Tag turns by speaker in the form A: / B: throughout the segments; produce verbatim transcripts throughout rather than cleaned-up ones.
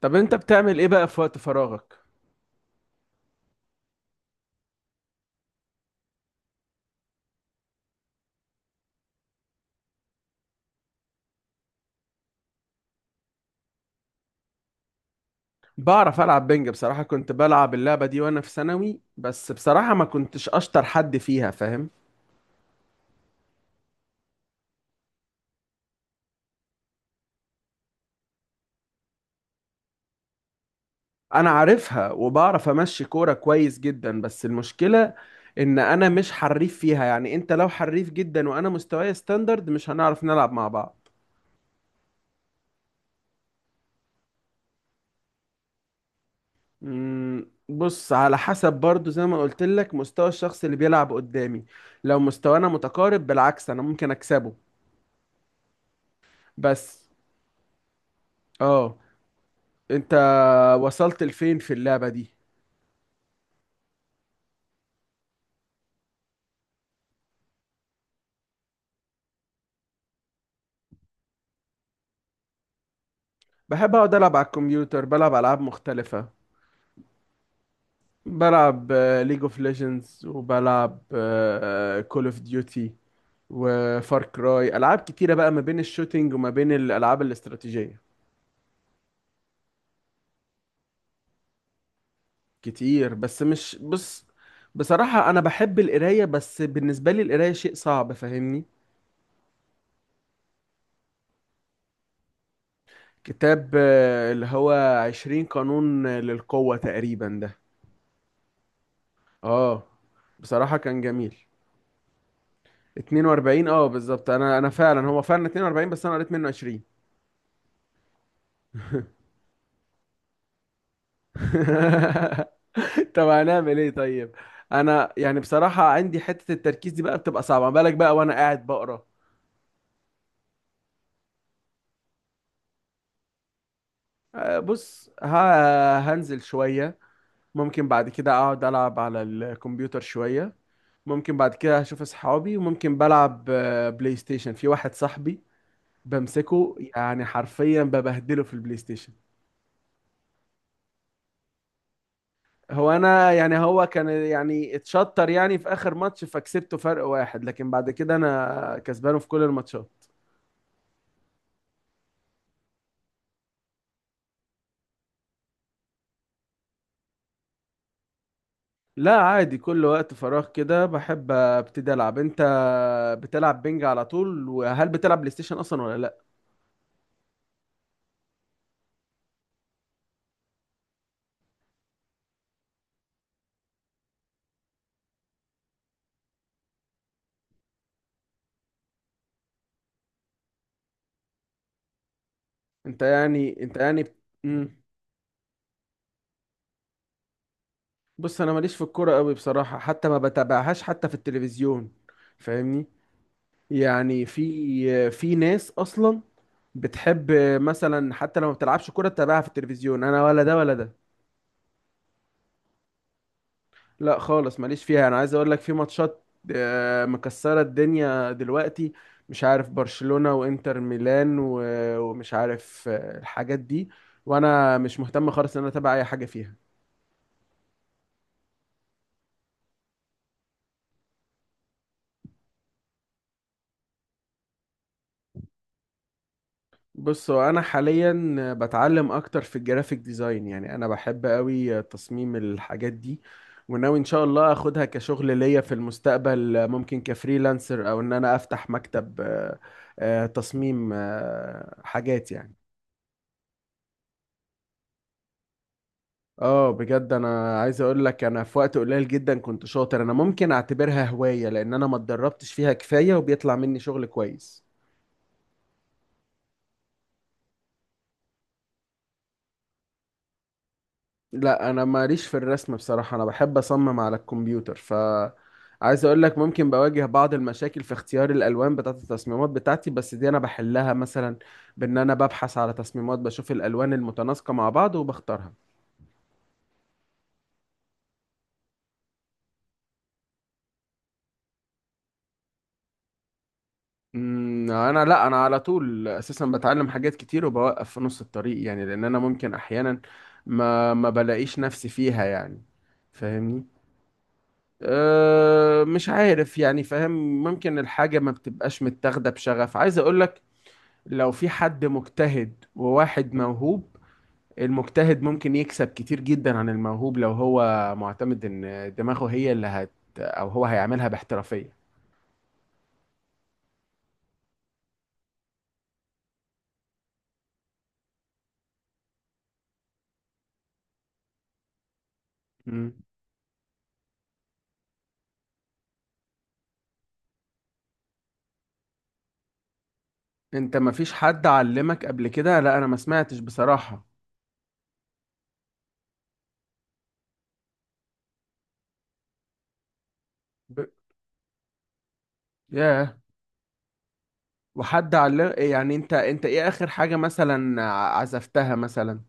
A: طب انت بتعمل ايه بقى في وقت فراغك؟ بعرف العب بنج. بصراحة كنت بلعب اللعبة دي وانا في ثانوي، بس بصراحة ما كنتش اشطر حد فيها، فاهم؟ انا عارفها وبعرف امشي كورة كويس جدا، بس المشكلة ان انا مش حريف فيها. يعني انت لو حريف جدا وانا مستواي ستاندرد مش هنعرف نلعب مع بعض. مم، بص، على حسب، برضو زي ما قلت لك مستوى الشخص اللي بيلعب قدامي. لو مستوانا متقارب بالعكس انا ممكن اكسبه. بس اه، انت وصلت لفين في اللعبة دي؟ بحب اقعد العب على الكمبيوتر، بلعب العاب مختلفة. بلعب ليج اوف ليجندز، وبلعب كول اوف ديوتي وفار كراي. العاب كتيرة بقى ما بين الشوتينج وما بين الالعاب الاستراتيجية. كتير، بس مش، بص، بصراحة انا بحب القراية، بس بالنسبة لي القراية شيء صعب، فاهمني؟ كتاب آه، اللي هو عشرين قانون للقوة تقريبا ده. اه، بصراحة كان جميل. اتنين واربعين، اه بالظبط. انا انا فعلا، هو فعلا اتنين واربعين، بس انا قريت منه عشرين. طب هنعمل ايه طيب؟ انا يعني بصراحة عندي حتة التركيز دي بقى بتبقى صعبة، ما بالك بقى وانا قاعد بقرا. آه، بص، ه- هنزل شوية، ممكن بعد كده اقعد العب على الكمبيوتر شوية، ممكن بعد كده اشوف اصحابي، وممكن بلعب آه، بلاي ستيشن في واحد صاحبي. بمسكه يعني حرفيا ببهدله في البلاي ستيشن. هو انا يعني، هو كان يعني اتشطر يعني في اخر ماتش فكسبته فرق واحد، لكن بعد كده انا كسبانه في كل الماتشات. لا عادي، كل وقت فراغ كده بحب ابتدي العب. انت بتلعب بينج على طول؟ وهل بتلعب بلاي ستيشن اصلا ولا لا؟ انت يعني، انت يعني بت- مم. بص، انا ماليش في الكوره قوي بصراحه، حتى ما بتابعهاش حتى في التلفزيون، فاهمني؟ يعني في في ناس اصلا بتحب مثلا، حتى لو ما بتلعبش كوره تتابعها في التلفزيون، انا ولا ده ولا ده. لا خالص، ماليش فيها. انا عايز اقول لك في ماتشات آه، مكسرة الدنيا دلوقتي، مش عارف برشلونة وانتر ميلان و- ومش عارف آه، الحاجات دي، وانا مش مهتم خالص ان انا اتابع اي حاجة فيها. بص، هو انا حاليا بتعلم اكتر في الجرافيك ديزاين، يعني انا بحب قوي تصميم الحاجات دي، وناوي ان شاء الله اخدها كشغل ليا في المستقبل. آه، ممكن كفريلانسر، او ان انا افتح مكتب آه، آه، تصميم آه، حاجات يعني. اه، بجد انا عايز اقول لك انا في وقت قليل جدا كنت شاطر. انا ممكن اعتبرها هواية لان انا ما اتدربتش فيها كفاية، وبيطلع مني شغل كويس. لا، انا ماليش في الرسم بصراحة، انا بحب اصمم على الكمبيوتر. ف عايز اقول لك ممكن بواجه بعض المشاكل في اختيار الالوان بتاعت التصميمات بتاعتي، بس دي انا بحلها مثلا بان انا ببحث على تصميمات، بشوف الالوان المتناسقة مع بعض وبختارها. أمم، انا لا انا على طول اساسا بتعلم حاجات كتير وبوقف في نص الطريق، يعني لان انا ممكن احيانا ما ما بلاقيش نفسي فيها يعني، فاهمني؟ أه مش عارف يعني، فاهم؟ ممكن الحاجة ما بتبقاش متاخدة بشغف. عايز اقولك لو في حد مجتهد وواحد موهوب، المجتهد ممكن يكسب كتير جدا عن الموهوب لو هو معتمد ان دماغه هي اللي هت، او هو هيعملها باحترافية. انت ما فيش حد علمك قبل كده؟ لا انا ما سمعتش بصراحة. ب... ياه. وحد علم يعني؟ انت، انت ايه اخر حاجة مثلا ع- عزفتها مثلا؟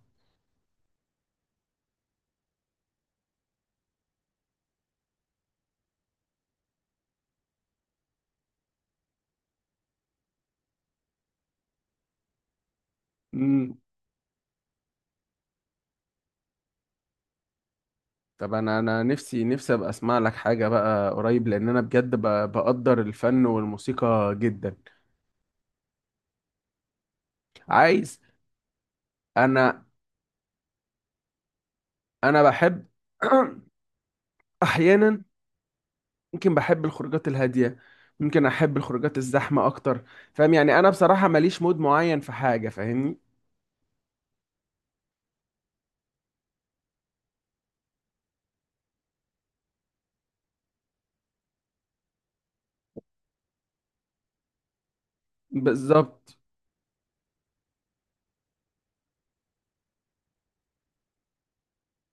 A: امم. طب انا انا نفسي نفسي ابقى اسمع لك حاجة بقى قريب، لان انا بجد ب... بقدر الفن والموسيقى جدا. عايز، انا، انا بحب احيانا، ممكن بحب الخروجات الهادية، ممكن احب الخروجات الزحمة اكتر، فاهم يعني؟ انا بصراحة ماليش مود معين في حاجة، فاهمني؟ بالظبط.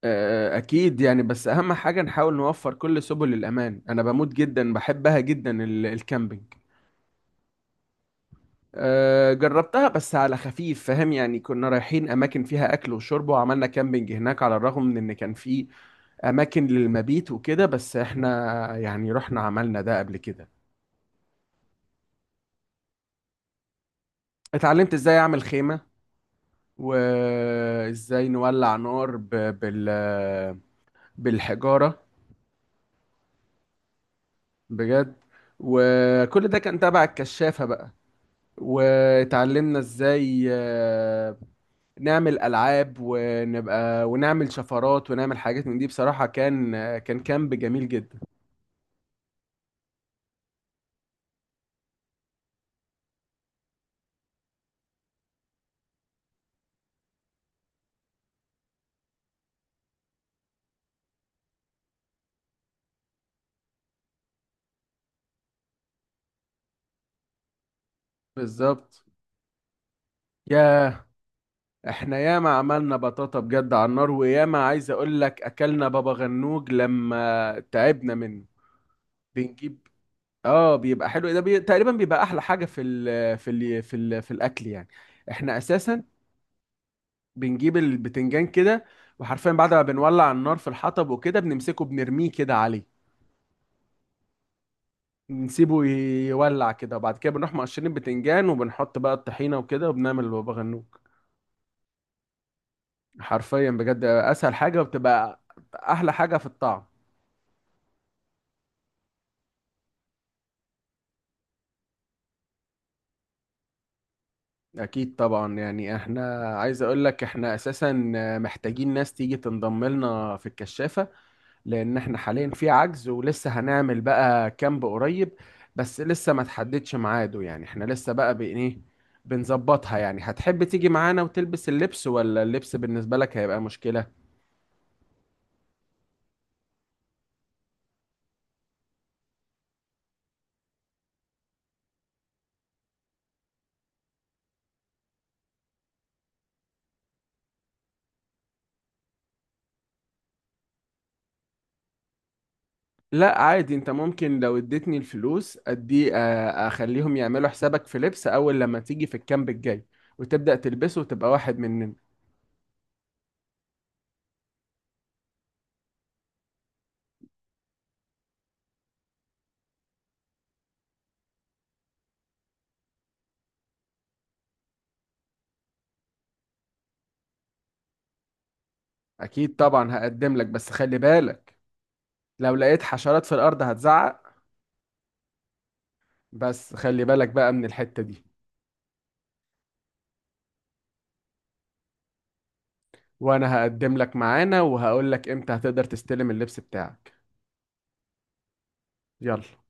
A: آه، أكيد يعني، بس أهم حاجة نحاول نوفر كل سبل الأمان. أنا بموت جدا، بحبها جدا ال- الكامبينج. آه، جربتها بس على خفيف، فاهم يعني؟ كنا رايحين أماكن فيها أكل وشرب، وعملنا كامبينج هناك، على الرغم من إن كان في أماكن للمبيت وكده، بس إحنا يعني رحنا عملنا ده قبل كده. اتعلمت إزاي أعمل خيمة، وإزاي نولع نار ب- بال بالحجارة بجد. وكل ده كان تبع الكشافة بقى، واتعلمنا ازاي آه، نعمل العاب ونبقى ونعمل شفرات ونعمل حاجات من دي. بصراحة كان آه، كان كامب جميل جدا. بالظبط. ياه، احنا ياما عملنا بطاطا بجد على النار، وياما عايز اقول لك اكلنا بابا غنوج لما تعبنا منه. بنجيب، اه بيبقى حلو ده بي... تقريبا بيبقى احلى حاجة في ال... في ال... في ال... في الاكل يعني. احنا اساسا بنجيب البتنجان كده، وحرفيا بعد ما بنولع النار في الحطب وكده بنمسكه بنرميه كده عليه، نسيبه يولع كده، وبعد كده بنروح مقشرين البتنجان وبنحط بقى الطحينة وكده وبنعمل بابا غنوج. حرفيا بجد اسهل حاجة، وبتبقى احلى حاجة في الطعم. اكيد طبعا يعني. احنا عايز اقول لك احنا اساسا محتاجين ناس تيجي تنضم لنا في الكشافة، لان احنا حاليا في عجز، ولسه هنعمل بقى كامب قريب بس لسه ما تحددش ميعاده، يعني احنا لسه بقى بإن ايه بنظبطها يعني. هتحب تيجي معانا وتلبس اللبس، ولا اللبس بالنسبة لك هيبقى مشكلة؟ لا عادي، انت ممكن لو اديتني الفلوس ادي آه، اخليهم يعملوا حسابك في لبس اول لما تيجي في الكامب الجاي، وتبدأ تلبسه وتبقى واحد مننا. اكيد طبعا، هقدم لك، بس خلي بالك لو لقيت حشرات في الارض هتزعق. بس خلي بالك بقى من الحتة دي. وانا هقدم لك معانا، وهقول لك امتى هتقدر تستلم اللبس بتاعك. يلا.